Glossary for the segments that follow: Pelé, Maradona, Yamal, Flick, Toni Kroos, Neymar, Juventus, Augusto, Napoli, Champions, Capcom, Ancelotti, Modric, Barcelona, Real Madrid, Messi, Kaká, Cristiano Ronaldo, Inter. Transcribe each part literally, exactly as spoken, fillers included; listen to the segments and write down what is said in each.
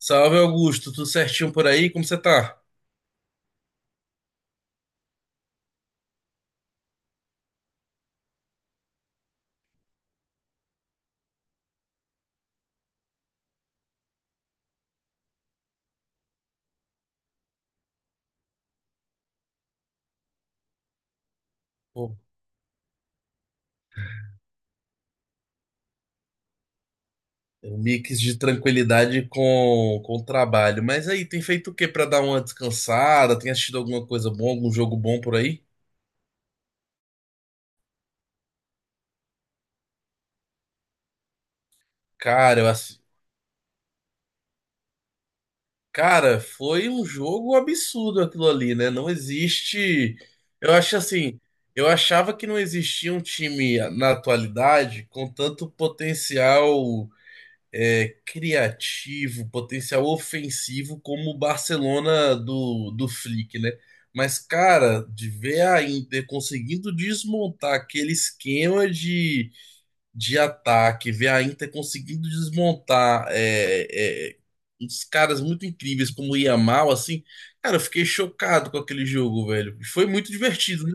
Salve Augusto, tudo certinho por aí? Como você tá? Pô, é um mix de tranquilidade com, com o trabalho. Mas aí, tem feito o que pra dar uma descansada? Tem assistido alguma coisa boa, algum jogo bom por aí? Cara, eu assi- Cara, foi um jogo absurdo aquilo ali, né? Não existe. Eu acho assim, eu achava que não existia um time na atualidade com tanto potencial é, criativo, potencial ofensivo como o Barcelona do, do Flick, né? Mas, cara, de ver a Inter conseguindo desmontar aquele esquema de, de ataque, ver a Inter conseguindo desmontar é, é, uns caras muito incríveis como o Yamal, assim, cara, eu fiquei chocado com aquele jogo, velho. Foi muito divertido, né?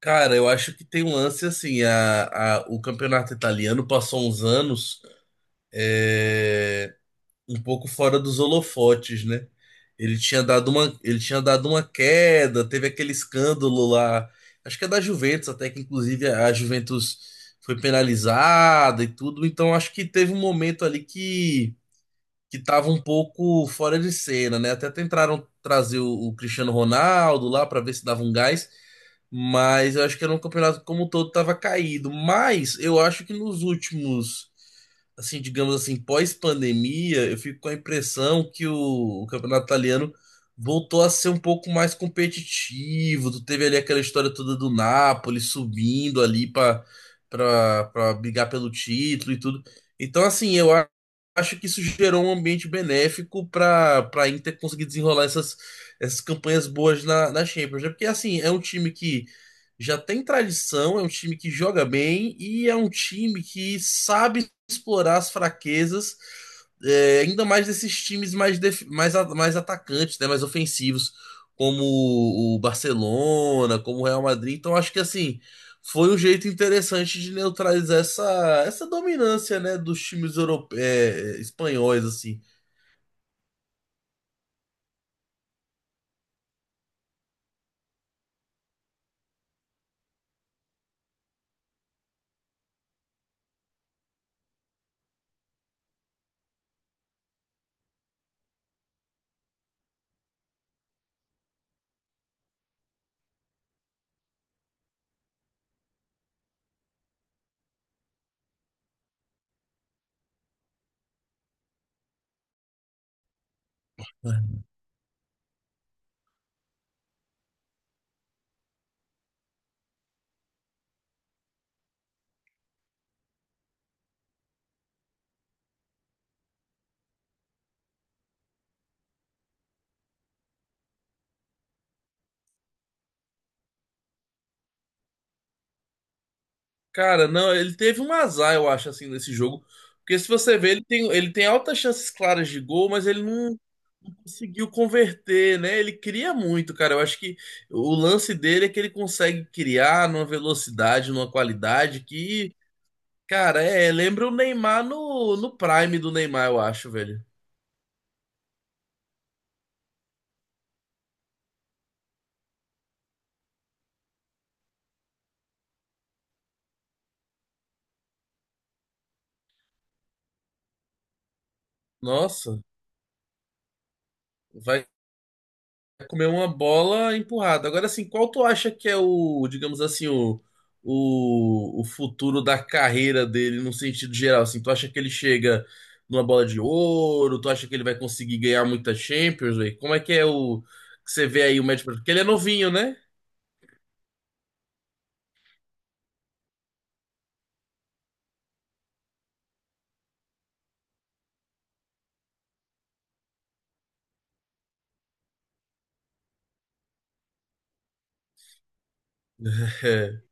Cara, eu acho que tem um lance assim, a, a, o campeonato italiano passou uns anos. é, Um pouco fora dos holofotes, né? Ele tinha dado uma, ele tinha dado uma queda, teve aquele escândalo lá, acho que é da Juventus, até que inclusive a Juventus foi penalizada e tudo, então acho que teve um momento ali que que tava um pouco fora de cena, né? Até tentaram trazer o, o Cristiano Ronaldo lá para ver se dava um gás, mas eu acho que era um campeonato como um todo tava caído. Mas eu acho que nos últimos, assim, digamos assim, pós-pandemia, eu fico com a impressão que o, o campeonato italiano voltou a ser um pouco mais competitivo. Tu teve ali aquela história toda do Napoli subindo ali para para brigar pelo título e tudo. Então, assim, eu acho que isso gerou um ambiente benéfico para para Inter conseguir desenrolar essas, essas campanhas boas na, na Champions, né? Porque assim, é um time que já tem tradição, é um time que joga bem e é um time que sabe explorar as fraquezas, é, ainda mais desses times mais, def- mais, a- mais atacantes, né? Mais ofensivos, como o Barcelona, como o Real Madrid. Então acho que assim foi um jeito interessante de neutralizar essa, essa dominância, né, dos times europeus, espanhóis, assim. Cara, não, ele teve um azar, eu acho, assim, nesse jogo. Porque se você vê, ele tem, ele tem altas chances claras de gol, mas ele não conseguiu converter, né? Ele cria muito, cara. Eu acho que o lance dele é que ele consegue criar numa velocidade, numa qualidade que, cara, é, lembra o Neymar no, no prime do Neymar, eu acho, velho. Nossa, vai é comer uma bola empurrada. Agora, assim, qual tu acha que é o, digamos assim, o, o, o futuro da carreira dele no sentido geral? Assim, tu acha que ele chega numa bola de ouro? Tu acha que ele vai conseguir ganhar muita Champions, velho? Como é que é o que você vê aí o médio? Porque ele é novinho, né? É.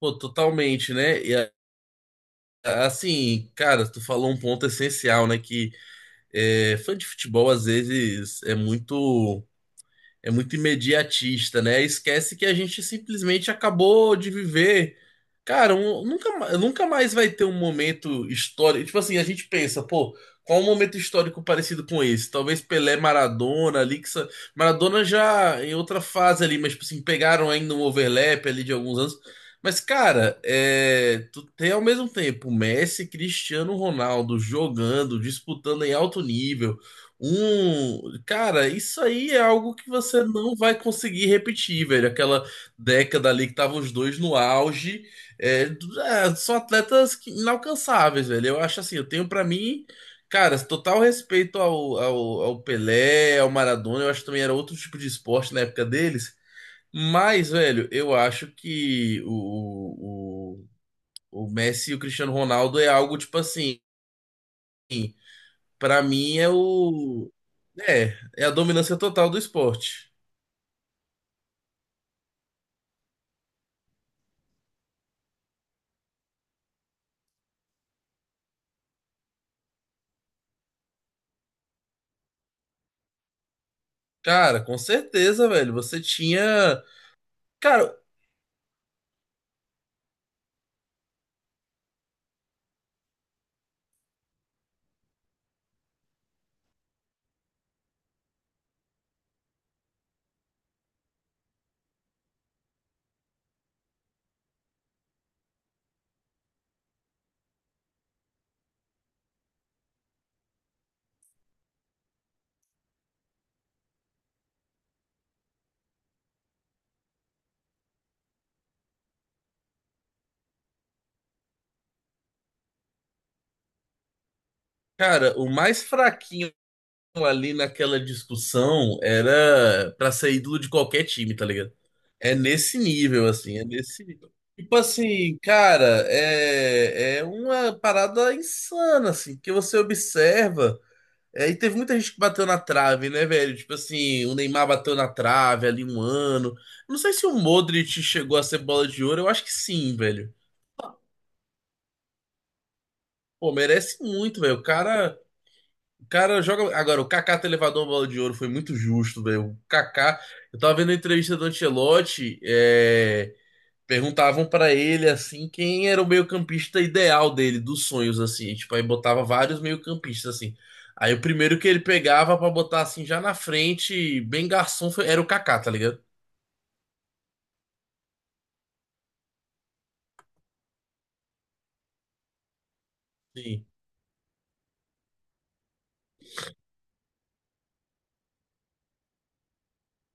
Pô, totalmente, né? E a- assim, cara, tu falou um ponto essencial, né? Que é, fã de futebol às vezes é muito. É muito imediatista, né? Esquece que a gente simplesmente acabou de viver. Cara, um- nunca, ma- nunca mais vai ter um momento histórico. Tipo assim, a gente pensa, pô, qual um momento histórico parecido com esse? Talvez Pelé, Maradona, ali que sa- Maradona já em outra fase ali, mas tipo assim, pegaram ainda um overlap ali de alguns anos. Mas, cara, é, tu tem ao mesmo tempo Messi, Cristiano Ronaldo jogando, disputando em alto nível. Hum, cara, isso aí é algo que você não vai conseguir repetir, velho. Aquela década ali que estavam os dois no auge, é, du- é, são atletas que- inalcançáveis, velho. Eu acho assim, eu tenho pra mim, cara, total respeito ao, ao, ao Pelé, ao Maradona. Eu acho que também era outro tipo de esporte na época deles. Mas, velho, eu acho que o, o, o o Messi e o Cristiano Ronaldo é algo tipo assim. Pra mim é o. É, é a dominância total do esporte. Cara, com certeza, velho. Você tinha. Cara, Cara, o mais fraquinho ali naquela discussão era pra ser ídolo de qualquer time, tá ligado? É nesse nível, assim, é nesse nível. Tipo assim, cara, é, é uma parada insana, assim, que você observa. É, e teve muita gente que bateu na trave, né, velho? Tipo assim, o Neymar bateu na trave ali um ano. Não sei se o Modric chegou a ser bola de ouro, eu acho que sim, velho. Pô, merece muito, velho. O cara, o cara joga. Agora, o Kaká ter levado uma bola de ouro foi muito justo, velho. O Kaká, eu tava vendo a entrevista do Ancelotti, é. Perguntavam pra ele assim quem era o meio-campista ideal dele, dos sonhos assim, tipo, aí botava vários meio-campistas assim. Aí o primeiro que ele pegava pra botar assim já na frente, bem garçom, foi- era o Kaká, tá ligado? Sim,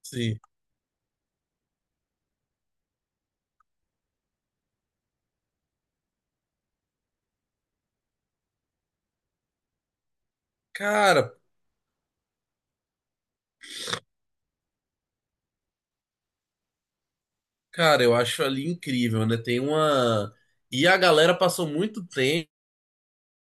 sim. Cara, Cara, eu acho ali incrível, né? Tem uma e a galera passou muito tempo.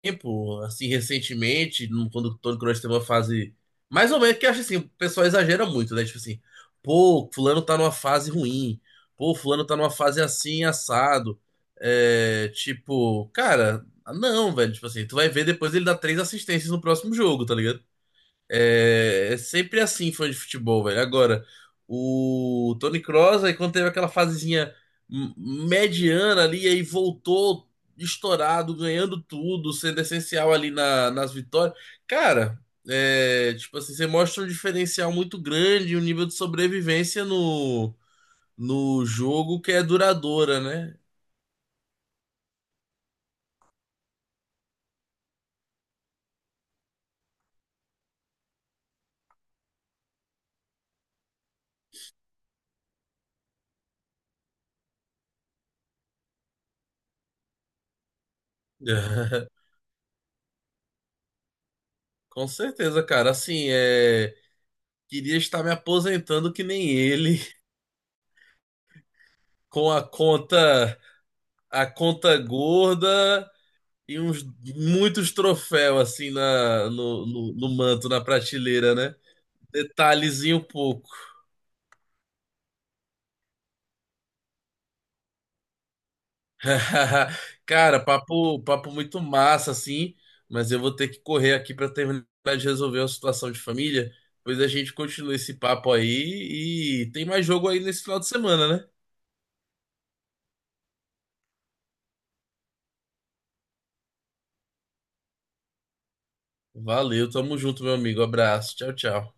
Tempo, assim, recentemente, no- quando, quando nós temos uma fase. Mais ou menos, que eu acho assim, o pessoal exagera muito, né? Tipo assim, pô, fulano tá numa fase ruim, pô, fulano tá numa fase assim, assado. É, tipo, cara, não, velho, tipo assim, tu vai ver depois ele dá três assistências no próximo jogo, tá ligado? É, é sempre assim, fã de futebol, velho. Agora, o Toni Kroos, aí quando teve aquela fasezinha m- mediana ali, aí voltou estourado, ganhando tudo, sendo essencial ali na- nas vitórias. Cara, é, tipo assim, você mostra um diferencial muito grande, um nível de sobrevivência no, no jogo que é duradoura, né? Com certeza, cara. Assim, é, queria estar me aposentando que nem ele, com a conta. A conta gorda e uns muitos troféus assim na, no, no, no manto, na prateleira, né? Detalhezinho pouco. Cara, papo, papo muito massa, assim, mas eu vou ter que correr aqui para terminar de resolver uma situação de família. Pois a gente continua esse papo aí e tem mais jogo aí nesse final de semana, né? Valeu, tamo junto, meu amigo. Abraço, tchau, tchau.